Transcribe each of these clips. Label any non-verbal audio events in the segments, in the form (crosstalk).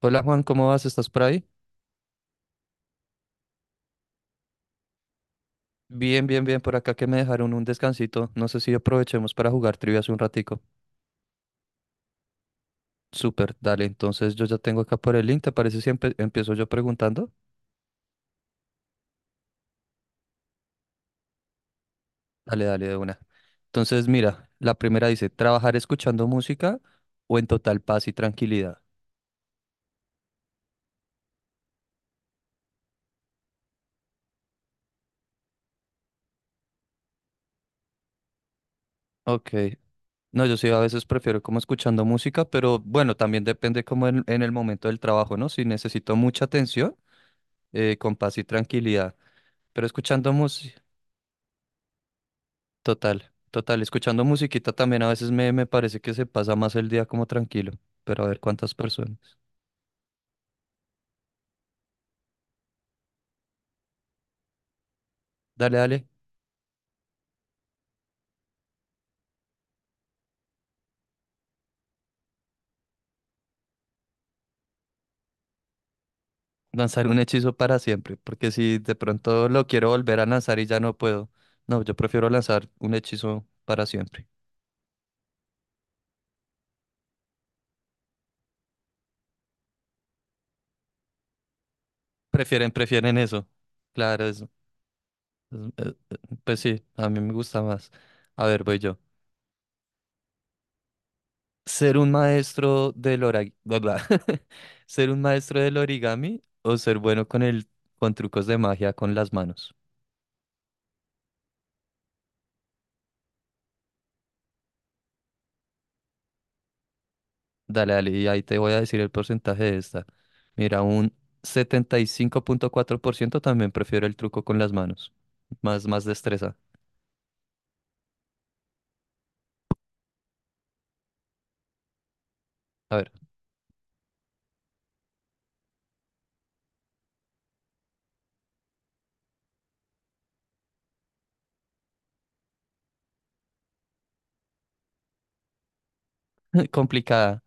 Hola Juan, ¿cómo vas? ¿Estás por ahí? Bien, bien, bien, por acá que me dejaron un descansito. No sé si aprovechemos para jugar trivias un ratico. Súper, dale. Entonces yo ya tengo acá por el link, ¿te parece si empiezo yo preguntando? Dale, dale, de una. Entonces mira, la primera dice, ¿trabajar escuchando música o en total paz y tranquilidad? Ok. No, yo sí a veces prefiero como escuchando música, pero bueno, también depende como en el momento del trabajo, ¿no? Si necesito mucha atención, con paz y tranquilidad. Pero escuchando música. Total, total. Escuchando musiquita también a veces me parece que se pasa más el día como tranquilo, pero a ver cuántas personas. Dale, dale, lanzar un hechizo para siempre, porque si de pronto lo quiero volver a lanzar y ya no puedo, no, yo prefiero lanzar un hechizo para siempre. Prefieren, prefieren eso. Claro, eso. Pues sí, a mí me gusta más. A ver, voy yo. ¿Ser un maestro del origami? (laughs) ¿Ser un maestro del origami o ser bueno con trucos de magia con las manos? Dale, dale, y ahí te voy a decir el porcentaje de esta. Mira, un 75,4% también prefiero el truco con las manos. Más, más destreza. A ver, (laughs) complicada.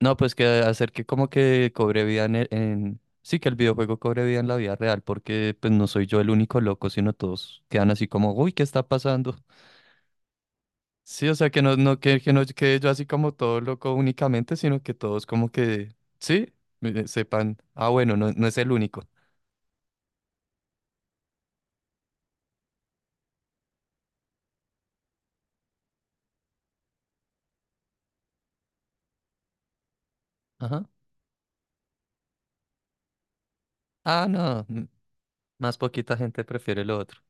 No, pues que hacer que como que cobre vida en, sí, que el videojuego cobre vida en la vida real, porque pues no soy yo el único loco, sino todos quedan así como, uy, ¿qué está pasando? (laughs) Sí, o sea, que no, no, que no quede yo así como todo loco únicamente, sino que todos como que, sí, sepan, ah, bueno, no, no es el único. Ah, no, más poquita gente prefiere lo otro.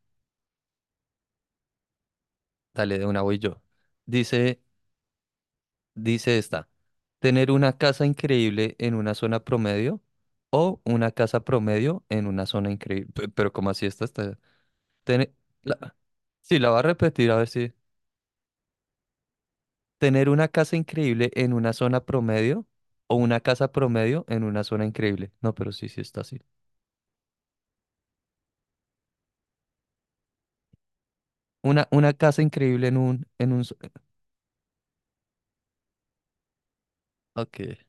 Dale, de una voy yo. Dice, dice esta, tener una casa increíble en una zona promedio o una casa promedio en una zona increíble. Pero, ¿cómo así esta está? Tene- la- Sí, la va a repetir, a ver si. Tener una casa increíble en una zona promedio o una casa promedio en una zona increíble. No, pero sí, sí está así. Una casa increíble en un... Ok,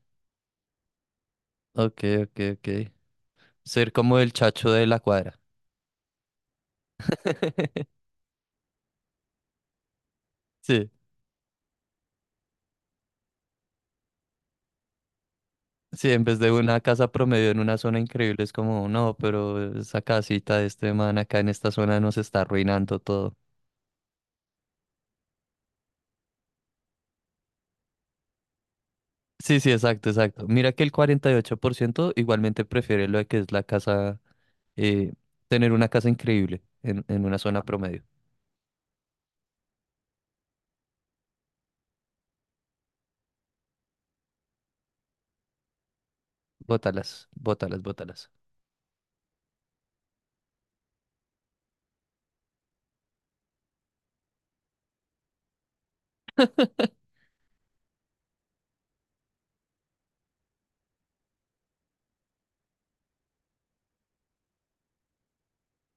ok, ok, ok. Ser como el chacho de la cuadra. (laughs) Sí, sí, en vez de una casa promedio en una zona increíble, es como, no, pero esa casita de este man acá en esta zona nos está arruinando todo. Sí, sí, exacto, exacto. Mira que el 48% igualmente prefiere lo de que es la casa, eh, tener una casa increíble en una zona promedio. Bótalas, bótalas, bótalas.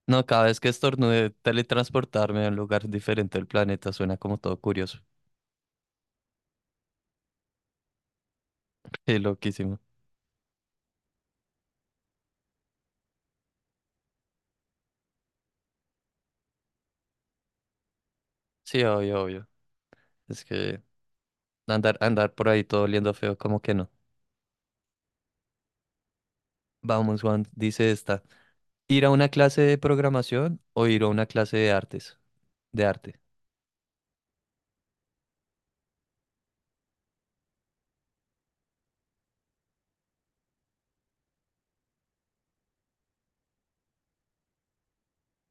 No, cada vez que estornude teletransportarme a un lugar diferente del planeta suena como todo curioso. (laughs) Qué loquísimo. Sí, obvio, obvio. Es que andar, andar por ahí todo oliendo feo, como que no. Vamos, Juan, dice esta. ¿Ir a una clase de programación o ir a una clase de artes? De arte.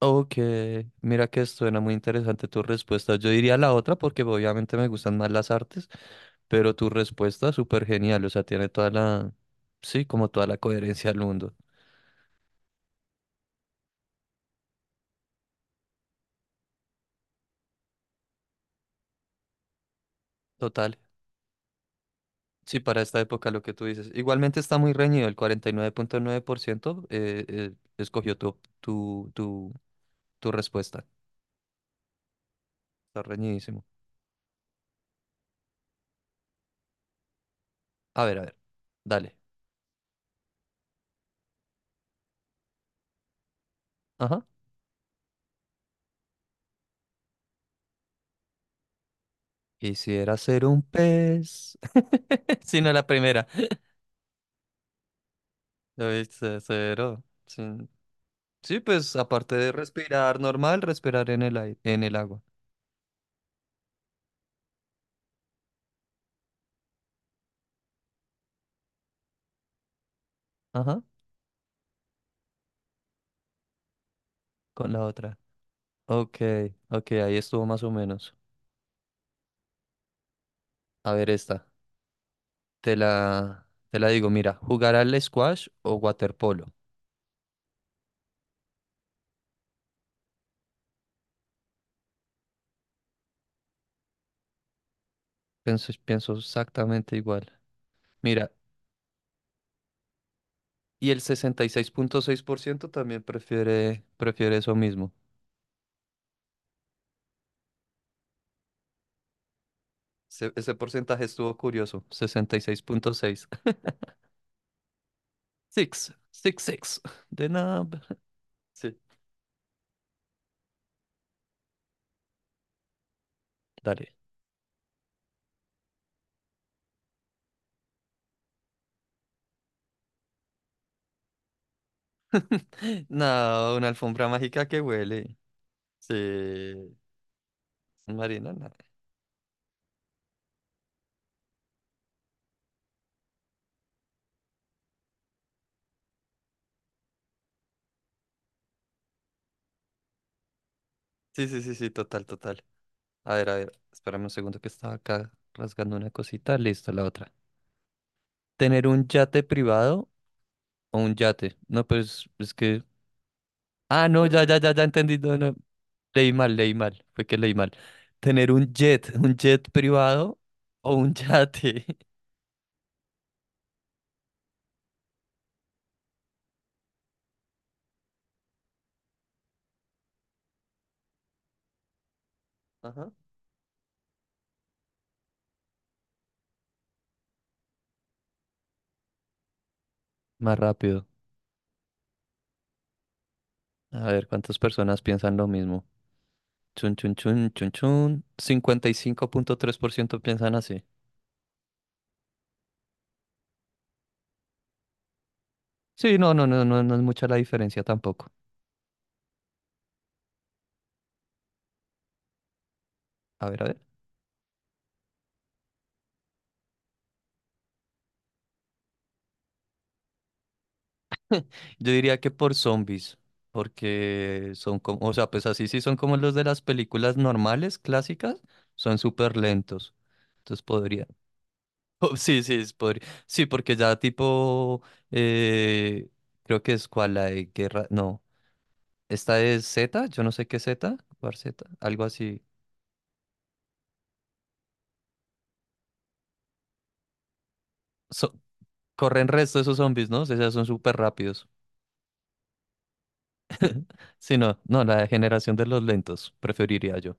Ok, mira que suena muy interesante tu respuesta. Yo diría la otra porque obviamente me gustan más las artes, pero tu respuesta súper genial, o sea, tiene toda la, sí, como toda la coherencia del mundo. Total. Sí, para esta época lo que tú dices. Igualmente está muy reñido, el 49.9% escogió tu respuesta. Está reñidísimo. A ver, a ver. Dale. Ajá. Quisiera ser un pez. (laughs) Si no la primera. Lo hice cero. Sí. Sí, pues aparte de respirar normal, respirar en el aire, en el agua. Ajá. Con la otra. Ok, ok, ahí estuvo más o menos. A ver esta. Te la digo, mira, jugar al squash o waterpolo. Pienso, pienso exactamente igual. Mira, y el 66,6% también prefiere, prefiere eso mismo. Ese porcentaje estuvo curioso, 66.6. (laughs) Six, six, six. De nada. (laughs) Sí, dale. No, una alfombra mágica que huele. Sí. Marina, no. Sí, sí, sí, sí, total, total. A ver, espérame un segundo que estaba acá rasgando una cosita. Listo, la otra. ¿Tener un yate privado o un yate? No, pues es que... Ah, no, ya, ya, ya, ya entendí. No, no. Leí mal, leí mal. Fue que leí mal. ¿Tener un jet privado o un (laughs) yate? Ajá. Más rápido. A ver, ¿cuántas personas piensan lo mismo? Chun, chun, chun, chun, chun. 55,3% piensan así. Sí, no, no, no, no, no es mucha la diferencia tampoco. A ver, a ver. Yo diría que por zombies, porque son como, o sea, pues así sí son como los de las películas normales, clásicas, son súper lentos. Entonces podría. (laughs) Oh, sí, sí, es podría. Sí, porque ya tipo, eh, creo que es cual la de guerra, no. Esta es Z, yo no sé qué es Z, War Z, algo así. So- corren resto esos zombies, ¿no? O sea, son súper rápidos. Sí, no, no, la generación de los lentos, preferiría yo.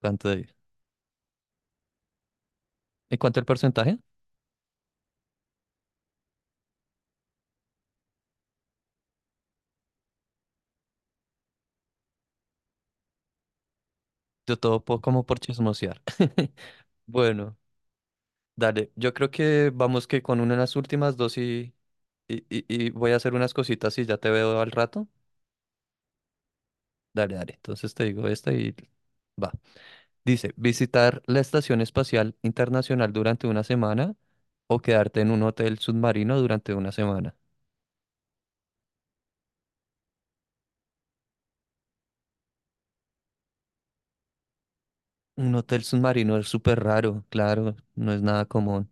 ¿Cuánto de- ¿En cuanto al porcentaje? Como por chismosear. (laughs) Bueno, dale, yo creo que vamos que con una de las últimas dos y voy a hacer unas cositas y ya te veo al rato. Dale, dale, entonces te digo esta y va. Dice, visitar la Estación Espacial Internacional durante una semana o quedarte en un hotel submarino durante una semana. Un hotel submarino es súper raro, claro, no es nada común.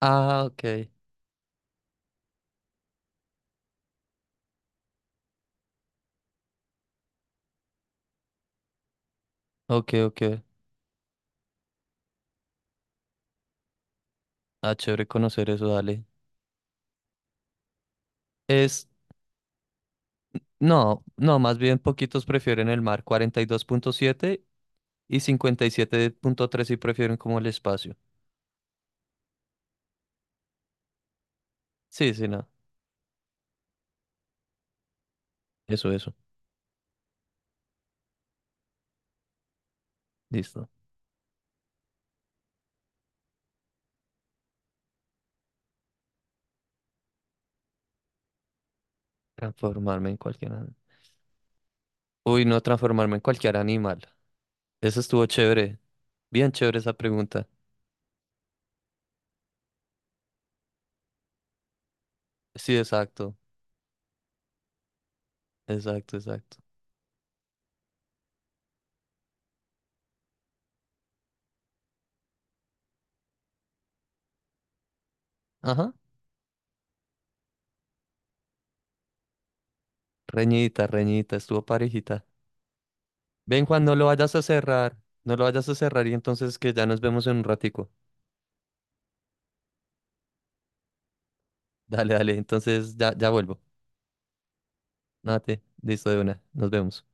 Ah, ok, ok, ok. Ah, chévere conocer eso, dale. Es, no, no, más bien poquitos prefieren el mar, 42,7 y 57,3 sí prefieren como el espacio. Sí, sí, no, eso, listo. Transformarme en cualquier animal. Uy, no transformarme en cualquier animal. Eso estuvo chévere. Bien chévere esa pregunta. Sí, exacto. Exacto, exacto. Ajá. Reñita, reñita, estuvo parejita. Ven, Juan, no lo vayas a cerrar. No lo vayas a cerrar y entonces que ya nos vemos en un ratico. Dale, dale, entonces ya, ya vuelvo. Nate, listo de una. Nos vemos.